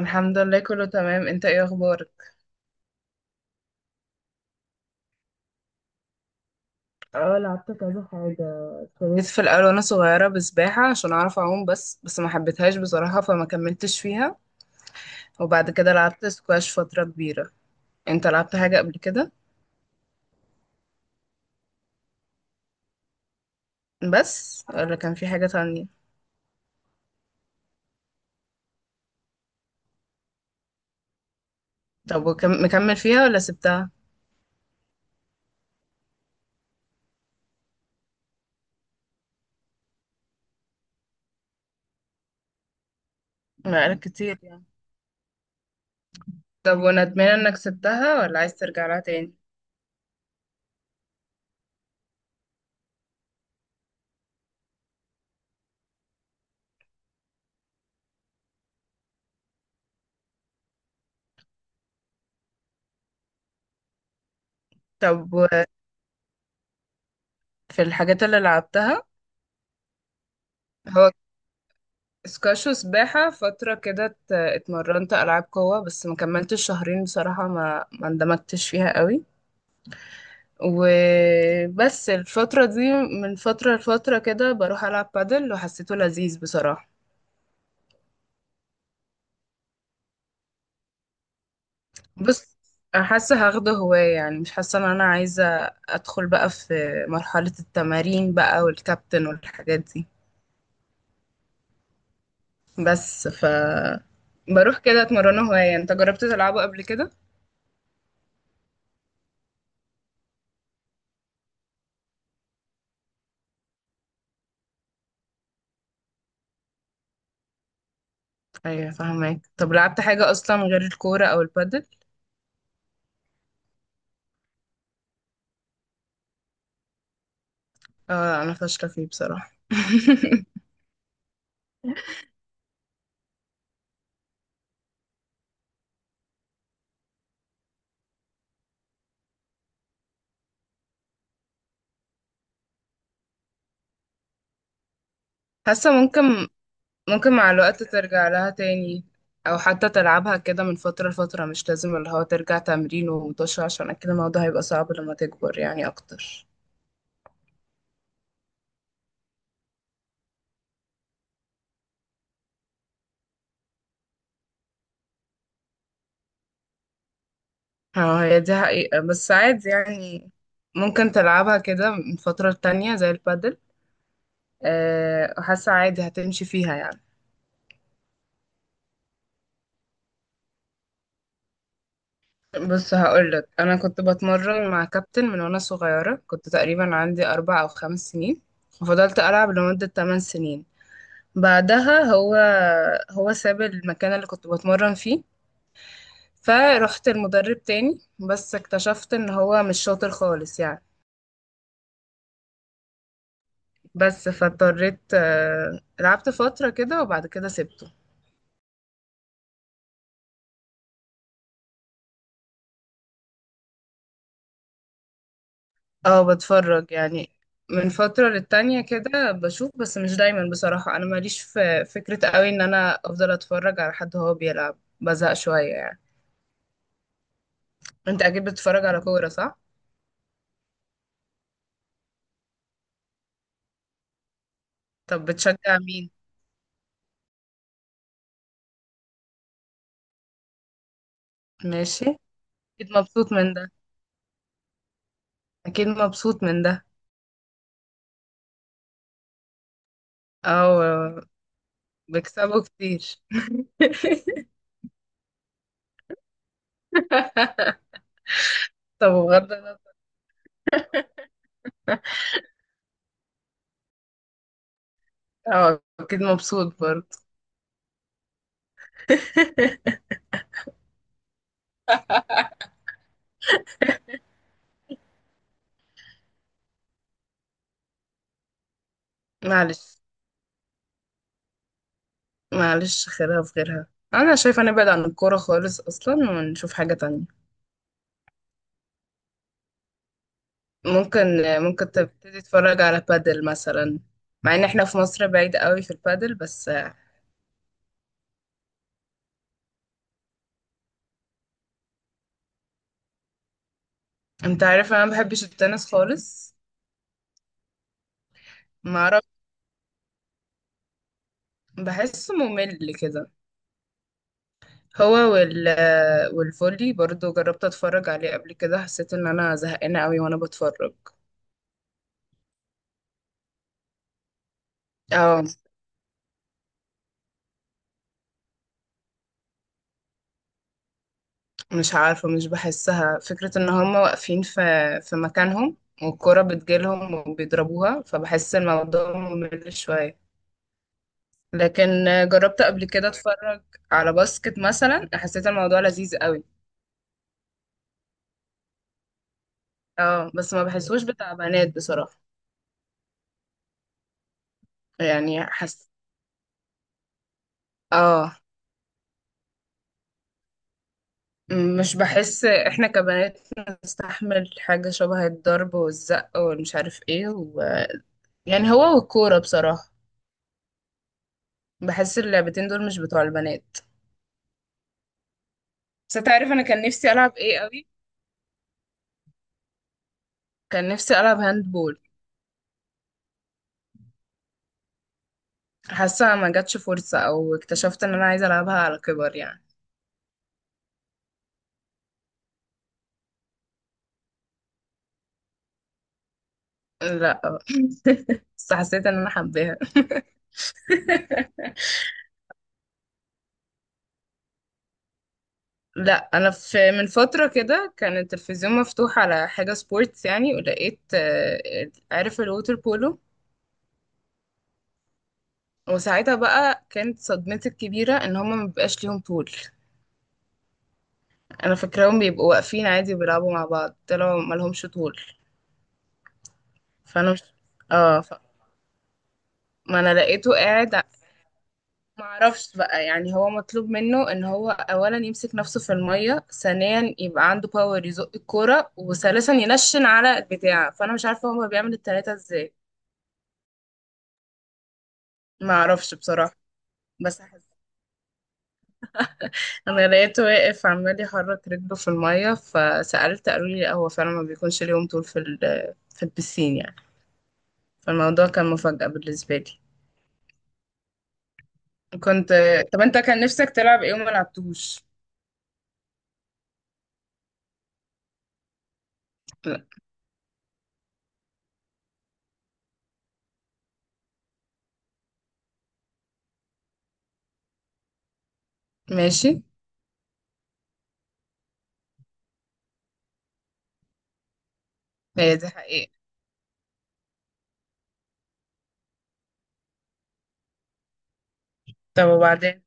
الحمد لله كله تمام. انت ايه اخبارك؟ اه لعبت كذا حاجة. جيت ابتديت في الاول وانا صغيره بسباحه عشان اعرف اعوم، بس ما حبيتهاش بصراحه فما كملتش فيها. وبعد كده لعبت سكواش فتره كبيره. انت لعبت حاجه قبل كده؟ بس ولا كان في حاجه تانية؟ مكمل فيها ولا سبتها؟ بقالك كتير يعني. طب وندمان انك سبتها ولا عايز ترجع لها تاني؟ طب و- في الحاجات اللي لعبتها. هو سكاش وسباحة فترة كده، اتمرنت ألعاب قوة بس ما كملتش شهرين بصراحة، ما اندمجتش فيها قوي. وبس الفترة دي من فترة لفترة كده بروح ألعب بادل، وحسيته لذيذ بصراحة. بس أنا حاسة هاخده هواية يعني، مش حاسة إن أنا عايزة أدخل بقى في مرحلة التمارين بقى والكابتن والحاجات دي. بس ف بروح كده اتمرنه هواية. انت جربت تلعبه قبل كده؟ ايوه فاهمك. طب لعبت حاجة اصلا غير الكورة او البادل؟ اه انا فاشلة فيه بصراحة. حاسة ممكن. ممكن مع الوقت ترجع لها تاني، او حتى تلعبها كده من فترة لفترة. مش لازم اللي هو ترجع تمرين ومطش، عشان اكيد الموضوع هيبقى صعب لما تكبر يعني اكتر. اه هي دي حقيقة، بس عادي يعني. ممكن تلعبها كده من فترة تانية زي البادل. حاسة عادي هتمشي فيها يعني. بص هقولك، انا كنت بتمرن مع كابتن من وانا صغيره، كنت تقريبا عندي اربع او خمس سنين، وفضلت العب لمده 8 سنين. بعدها هو ساب المكان اللي كنت بتمرن فيه. فرحت المدرب تاني بس اكتشفت ان هو مش شاطر خالص يعني. بس فاضطريت، لعبت فترة كده وبعد كده سبته. اه بتفرج يعني، من فترة للتانية كده بشوف بس مش دايما بصراحة. انا ماليش في فكرة قوي ان انا افضل اتفرج على حد هو بيلعب، بزهق شوية يعني. انت اكيد بتتفرج على كورة صح؟ طب بتشجع مين؟ ماشي. اكيد مبسوط من ده. اكيد مبسوط من ده. اه بيكسبوا كتير. طب بغض النظر. اه اكيد مبسوط برضه. معلش. معلش خيرها في غيرها. انا شايفه نبعد عن الكوره خالص اصلا ونشوف حاجه تانية. ممكن. ممكن تبتدي تتفرج على بادل مثلا، مع ان احنا في مصر بعيد قوي في البادل بس. انت عارف انا ما بحبش التنس خالص. ما اعرف. بحسه ممل كده. هو وال والفولي برضو جربت اتفرج عليه قبل كده، حسيت ان انا زهقانه قوي وانا بتفرج. اه مش عارفه، مش بحسها. فكره ان هم واقفين في مكانهم والكره بتجيلهم وبيضربوها، فبحس الموضوع ممل شويه. لكن جربت قبل كده اتفرج على باسكت مثلا، حسيت الموضوع لذيذ قوي. اه بس ما بحسوش بتاع بنات بصراحه. يعني حس اه مش بحس احنا كبنات نستحمل حاجة شبه الضرب والزق والمش عارف ايه و... يعني هو والكورة بصراحة بحس اللعبتين دول مش بتوع البنات. بس انت عارف انا كان نفسي العب ايه قوي. كان نفسي العب هاندبول. حاسة ما جاتش فرصة، او اكتشفت ان انا عايزة العبها على كبر يعني. لا، بس حسيت ان انا حباها. لا انا في من فترة كده كان التلفزيون مفتوح على حاجة سبورتس يعني، ولقيت، عارف، الووتر بولو. وساعتها بقى كانت صدمتي الكبيرة ان هما مبيبقاش ليهم طول. انا فاكراهم بيبقوا واقفين عادي بيلعبوا مع بعض، طلعوا ملهمش طول. فانا مش اه ف... ما انا لقيته قاعد ع- معرفش بقى يعني، هو مطلوب منه ان هو اولا يمسك نفسه في المية، ثانيا يبقى عنده باور يزق الكورة، وثالثا ينشن على البتاع. فانا مش عارفة هو بيعمل التلاتة ازاي. معرفش بصراحة. بس انا لقيته واقف عمال يحرك رجله في الميه، فسألت، قالوا لي لا هو فعلا ما بيكونش اليوم طول في البسين يعني. فالموضوع كان مفاجأة بالنسبة لي. كنت طب انت كان نفسك تلعب ايه وما لعبتوش؟ لا. ماشي. هي دي حقيقة. طب وبعدين؟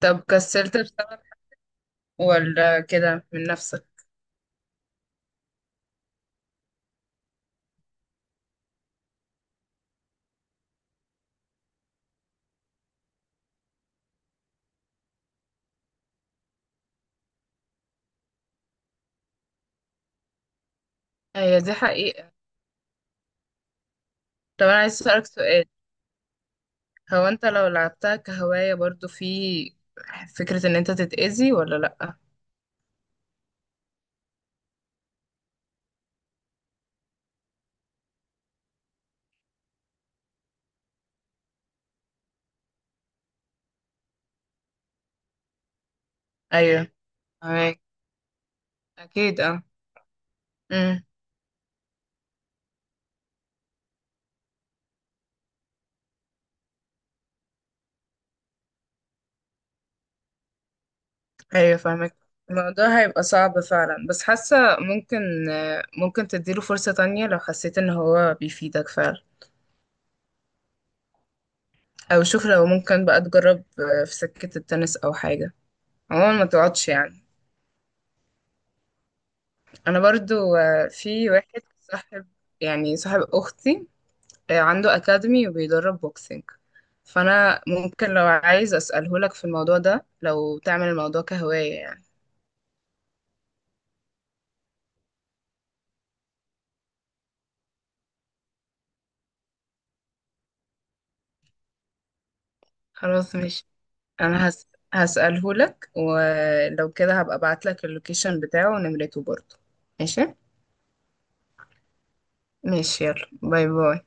طب كسلت بسبب ولا كده من نفسك؟ هي دي حقيقة. طب انا عايز اسألك سؤال. هو انت لو لعبتها كهواية برضو في فكرة ان انت تتأذي ولا لأ؟ ايوه. أيوة. اكيد. اه ايوه فاهمك. الموضوع هيبقى صعب فعلا، بس حاسة ممكن. ممكن تديله فرصة تانية لو حسيت ان هو بيفيدك فعلا. او شوف لو ممكن بقى تجرب في سكة التنس او حاجة. عموما ما تقعدش يعني. انا برضو في واحد صاحب، يعني صاحب اختي، عنده اكاديمي وبيدرب بوكسينج. فانا ممكن لو عايز اسأله لك في الموضوع ده، لو تعمل الموضوع كهواية يعني. خلاص ماشي. انا هس... هسأله لك، ولو كده هبقى ابعت لك اللوكيشن بتاعه ونمرته برضه. ماشي. ماشي يلا باي باي.